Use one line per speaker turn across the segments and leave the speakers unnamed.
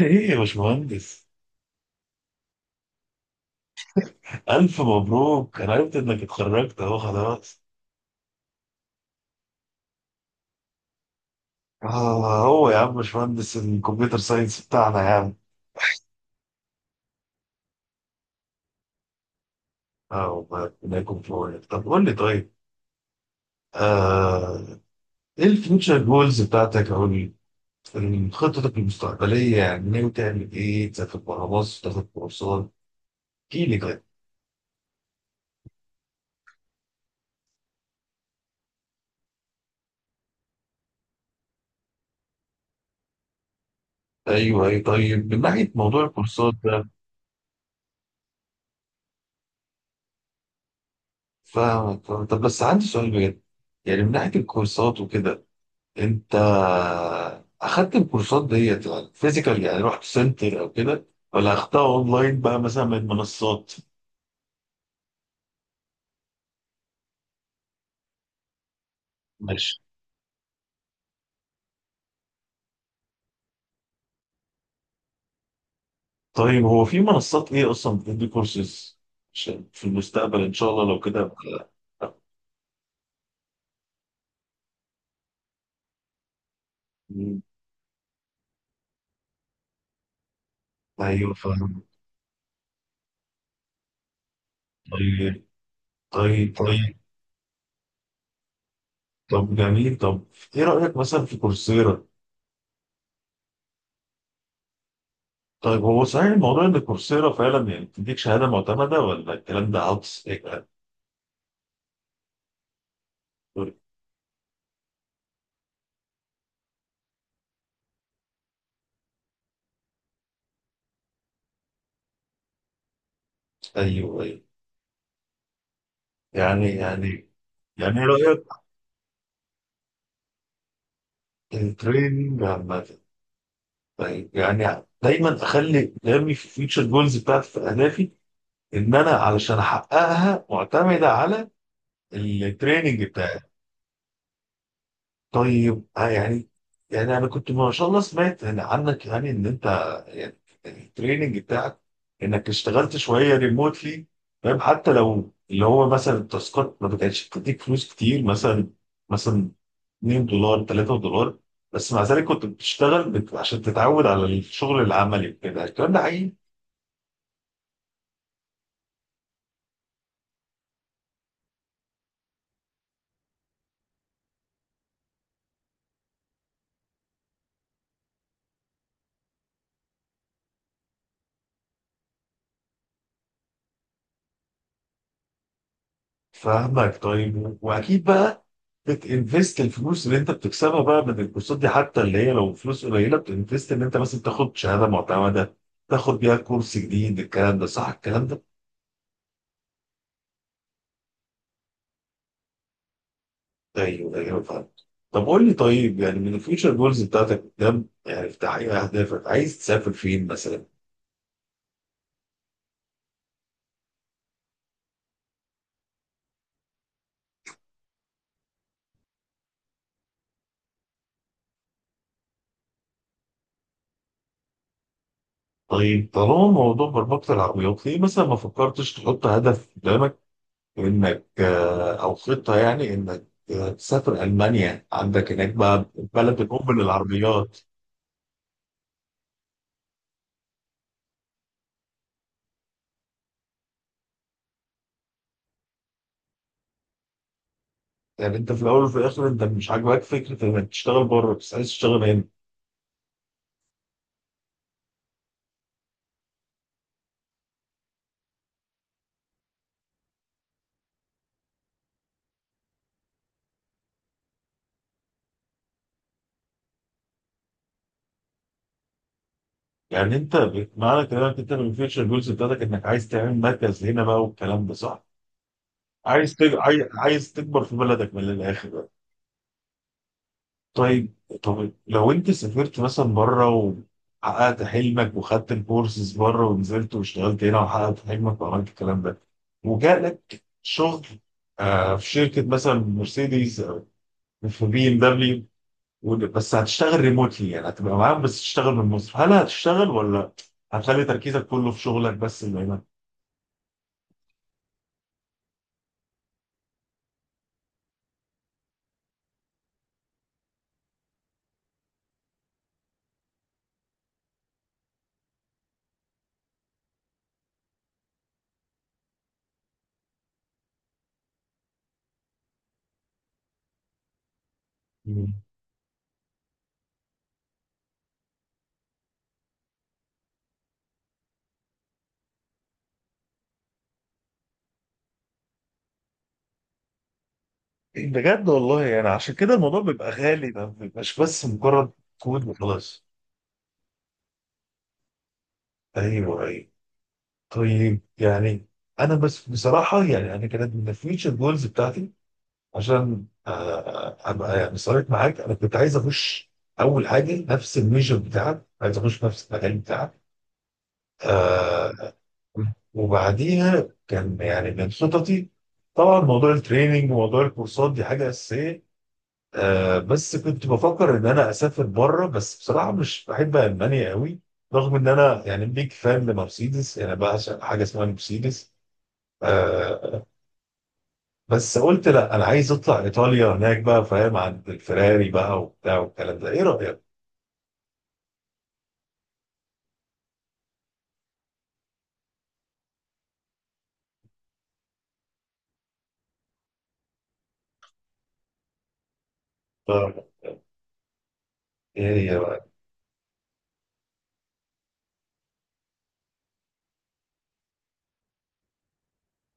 ايه يا باشمهندس، الف مبروك. انا عرفت انك اتخرجت اهو خلاص. اه هو يا عم باشمهندس، الكمبيوتر ساينس بتاعنا يا عم. اه والله ربنا يكون في عونك. طب قول لي طيب. آه، ايه الفيوتشر جولز بتاعتك او خطتك المستقبلية؟ يعني ناوي تعمل ايه؟ تسافر بره مصر، تاخد كورسات؟ احكي لي طيب. ايوه اي، طيب من ناحية موضوع الكورسات ده، فاهمك. طب بس عندي سؤال بجد، يعني من ناحية الكورسات وكده، انت اخدت الكورسات ديت يعني فيزيكال، يعني رحت سنتر او كده، ولا اخدتها اونلاين بقى مثلا من منصات؟ ماشي. طيب هو في منصات ايه اصلا بتدي كورسز؟ عشان في المستقبل ان شاء الله لو كده مم. ايوه فاهم. طيب، طيب طيب. طب جميل. طب ايه رايك مثلا في كورسيرا؟ طيب هو صحيح الموضوع ان كورسيرا فعلا يعني بتديك شهاده معتمده، ولا الكلام ده عبث؟ ايوه، ايوه. يعني يعني ايه رايك؟ التريننج عامة. طيب يعني دايما اخلي دايما في الفيوتشر جولز بتاعتي، في اهدافي، ان انا علشان احققها معتمده على التريننج بتاعي. طيب آه يعني، يعني انا كنت ما شاء الله سمعت يعني عنك يعني ان انت يعني التريننج بتاعك، انك اشتغلت شويه ريموتلي، فاهم؟ حتى لو اللي هو مثلا التاسكات ما بتاعتش بتديك فلوس كتير، مثلا $2، $3، بس مع ذلك كنت بتشتغل عشان تتعود على الشغل العملي وكده. الكلام ده حقيقي؟ فاهمك. طيب، واكيد بقى بتنفست الفلوس اللي انت بتكسبها بقى من الكورسات دي، حتى اللي هي لو فلوس قليله بتنفست ان انت مثلا تاخد شهاده معتمده، تاخد بيها كورس جديد. الكلام ده صح الكلام ده؟ ايوه، ايوه فاهم. طب قول لي طيب، يعني من الفيوتشر جولز بتاعتك قدام، يعني في تحقيق اهدافك، عايز تسافر فين مثلا؟ طيب طالما موضوع مربطة العقليات، ليه مثلا ما فكرتش تحط هدف قدامك انك او خطة يعني انك تسافر المانيا؟ عندك هناك بقى بلد الام للعربيات. يعني انت في الاول وفي الاخر انت مش عاجباك فكرة انك تشتغل بره، بس عايز تشتغل هنا؟ يعني انت معنى كلامك، انت من الفيوتشر جولز بتاعتك انك عايز تعمل مركز هنا بقى، والكلام ده صح؟ عايز تكبر في بلدك من الاخر. طيب، طب لو انت سافرت مثلا بره وحققت حلمك وخدت الكورسز بره، ونزلت واشتغلت هنا وحققت حلمك وعملت الكلام ده، وجالك شغل آه في شركه مثلا مرسيدس او في بي ام دبليو، بس هتشتغل ريموتلي، يعني هتبقى معاهم بس تشتغل من مصر، هل هتشتغل ولا هتخلي تركيزك كله في شغلك بس اللي هنا؟ مم. بجد والله، يعني عشان كده الموضوع بيبقى غالي، ما بيبقاش بس مجرد كود وخلاص. ايوه، ايوه. طيب يعني، انا بس بصراحه، يعني انا كانت من الفيوتشر جولز بتاعتي، عشان ابقى يعني صريح معاك، انا كنت عايز اخش اول حاجه نفس الميجر بتاعك، عايز اخش نفس المجال بتاعك. آه. وبعديها كان يعني من خططي طبعا موضوع التريننج وموضوع الكورسات دي حاجه اساسيه. آه بس كنت بفكر ان انا اسافر بره، بس بصراحه مش بحب المانيا قوي، رغم ان انا يعني بيك فان لمرسيدس، يعني بعشق حاجه اسمها مرسيدس. آه، بس قلت لا، انا عايز اطلع ايطاليا هناك بقى، فاهم؟ عند الفراري بقى وبتاع والكلام ده، ايه رايك؟ ف- ايه هي بقى؟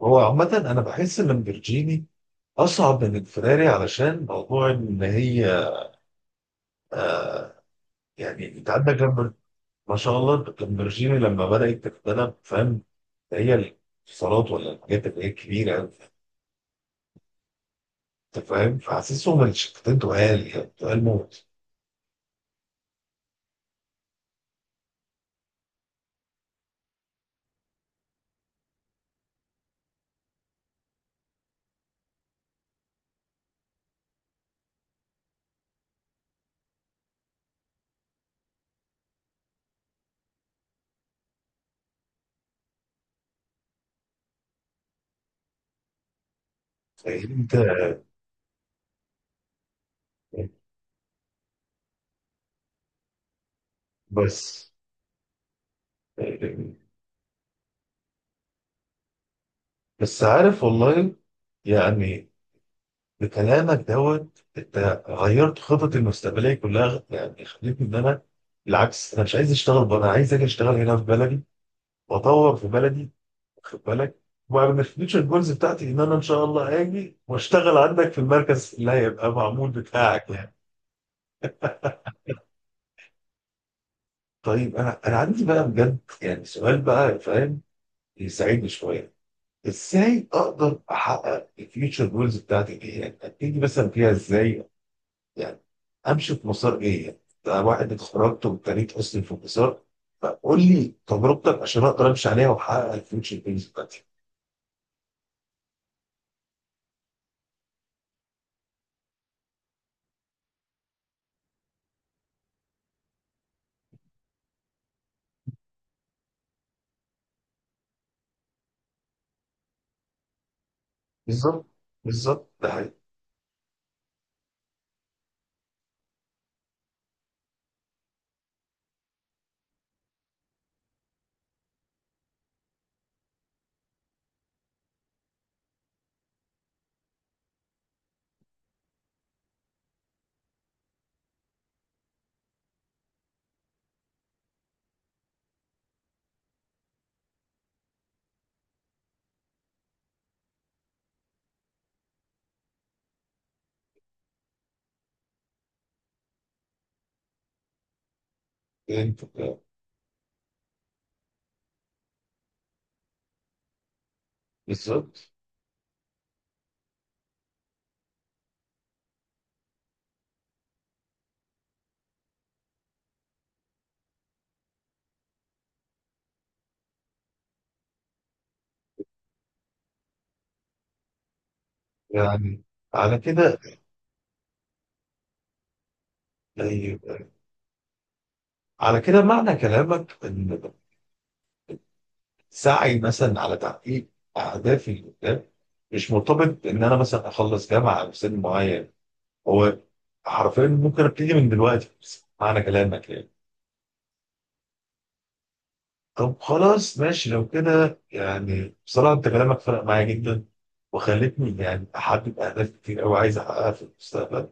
هو عامة انا بحس ان البرجيني اصعب من الفراري، علشان موضوع ان هي، يعني انت عندك لما، ما شاء الله، اللامبرجيني لما بدات تتبنى، فاهم؟ هي الاتصالات ولا الحاجات اللي هي الكبيره أوي، انت فاهم؟ فحاسسهم الشفتين تقال، يعني تقال موت. طيب انت، بس بس عارف والله، يعني بكلامك دوت انت غيرت خططي المستقبليه كلها، يعني خليتني ان انا بالعكس انا مش عايز اشتغل بره، انا عايز اجي اشتغل هنا في بلدي، واطور في بلدي، واخد بالك؟ ومن الفيوتشر جولز بتاعتي ان انا ان شاء الله هاجي واشتغل عندك في المركز اللي هيبقى معمول بتاعك يعني. طيب انا عندي بقى بجد، يعني سؤال بقى فاهم، يساعدني شويه. ازاي اقدر احقق الفيوتشر جولز بتاعتي دي؟ يعني ابتدي مثلا فيها ازاي؟ يعني امشي في مسار ايه يعني؟ ده واحد اتخرجت وابتديت اصلا في مسار، فقول لي تجربتك عشان اقدر امشي عليها واحقق الفيوتشر بيز بتاعتي. بالظبط، بالظبط ده حقيقي. انت بالظبط. يعني على كده، طيب، على كده معنى كلامك ان سعي مثلا على تحقيق اهدافي اللي قدام مش مرتبط ان انا مثلا اخلص جامعه او سن معين؟ هو حرفيا ممكن ابتدي من دلوقتي؟ معنى كلامك يعني. طب خلاص ماشي. لو كده يعني بصراحة أنت كلامك فرق معايا جدا، وخلتني يعني أحدد أهداف كتير أوي عايز أحققها في المستقبل.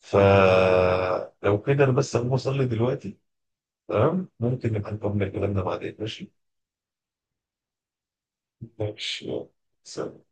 فلو كده أنا بس هقوم أصلي دلوقتي. تمام؟ ممكن نبقى نكمل كلامنا بعدين، ماشي؟ ماشي يلا. سلام.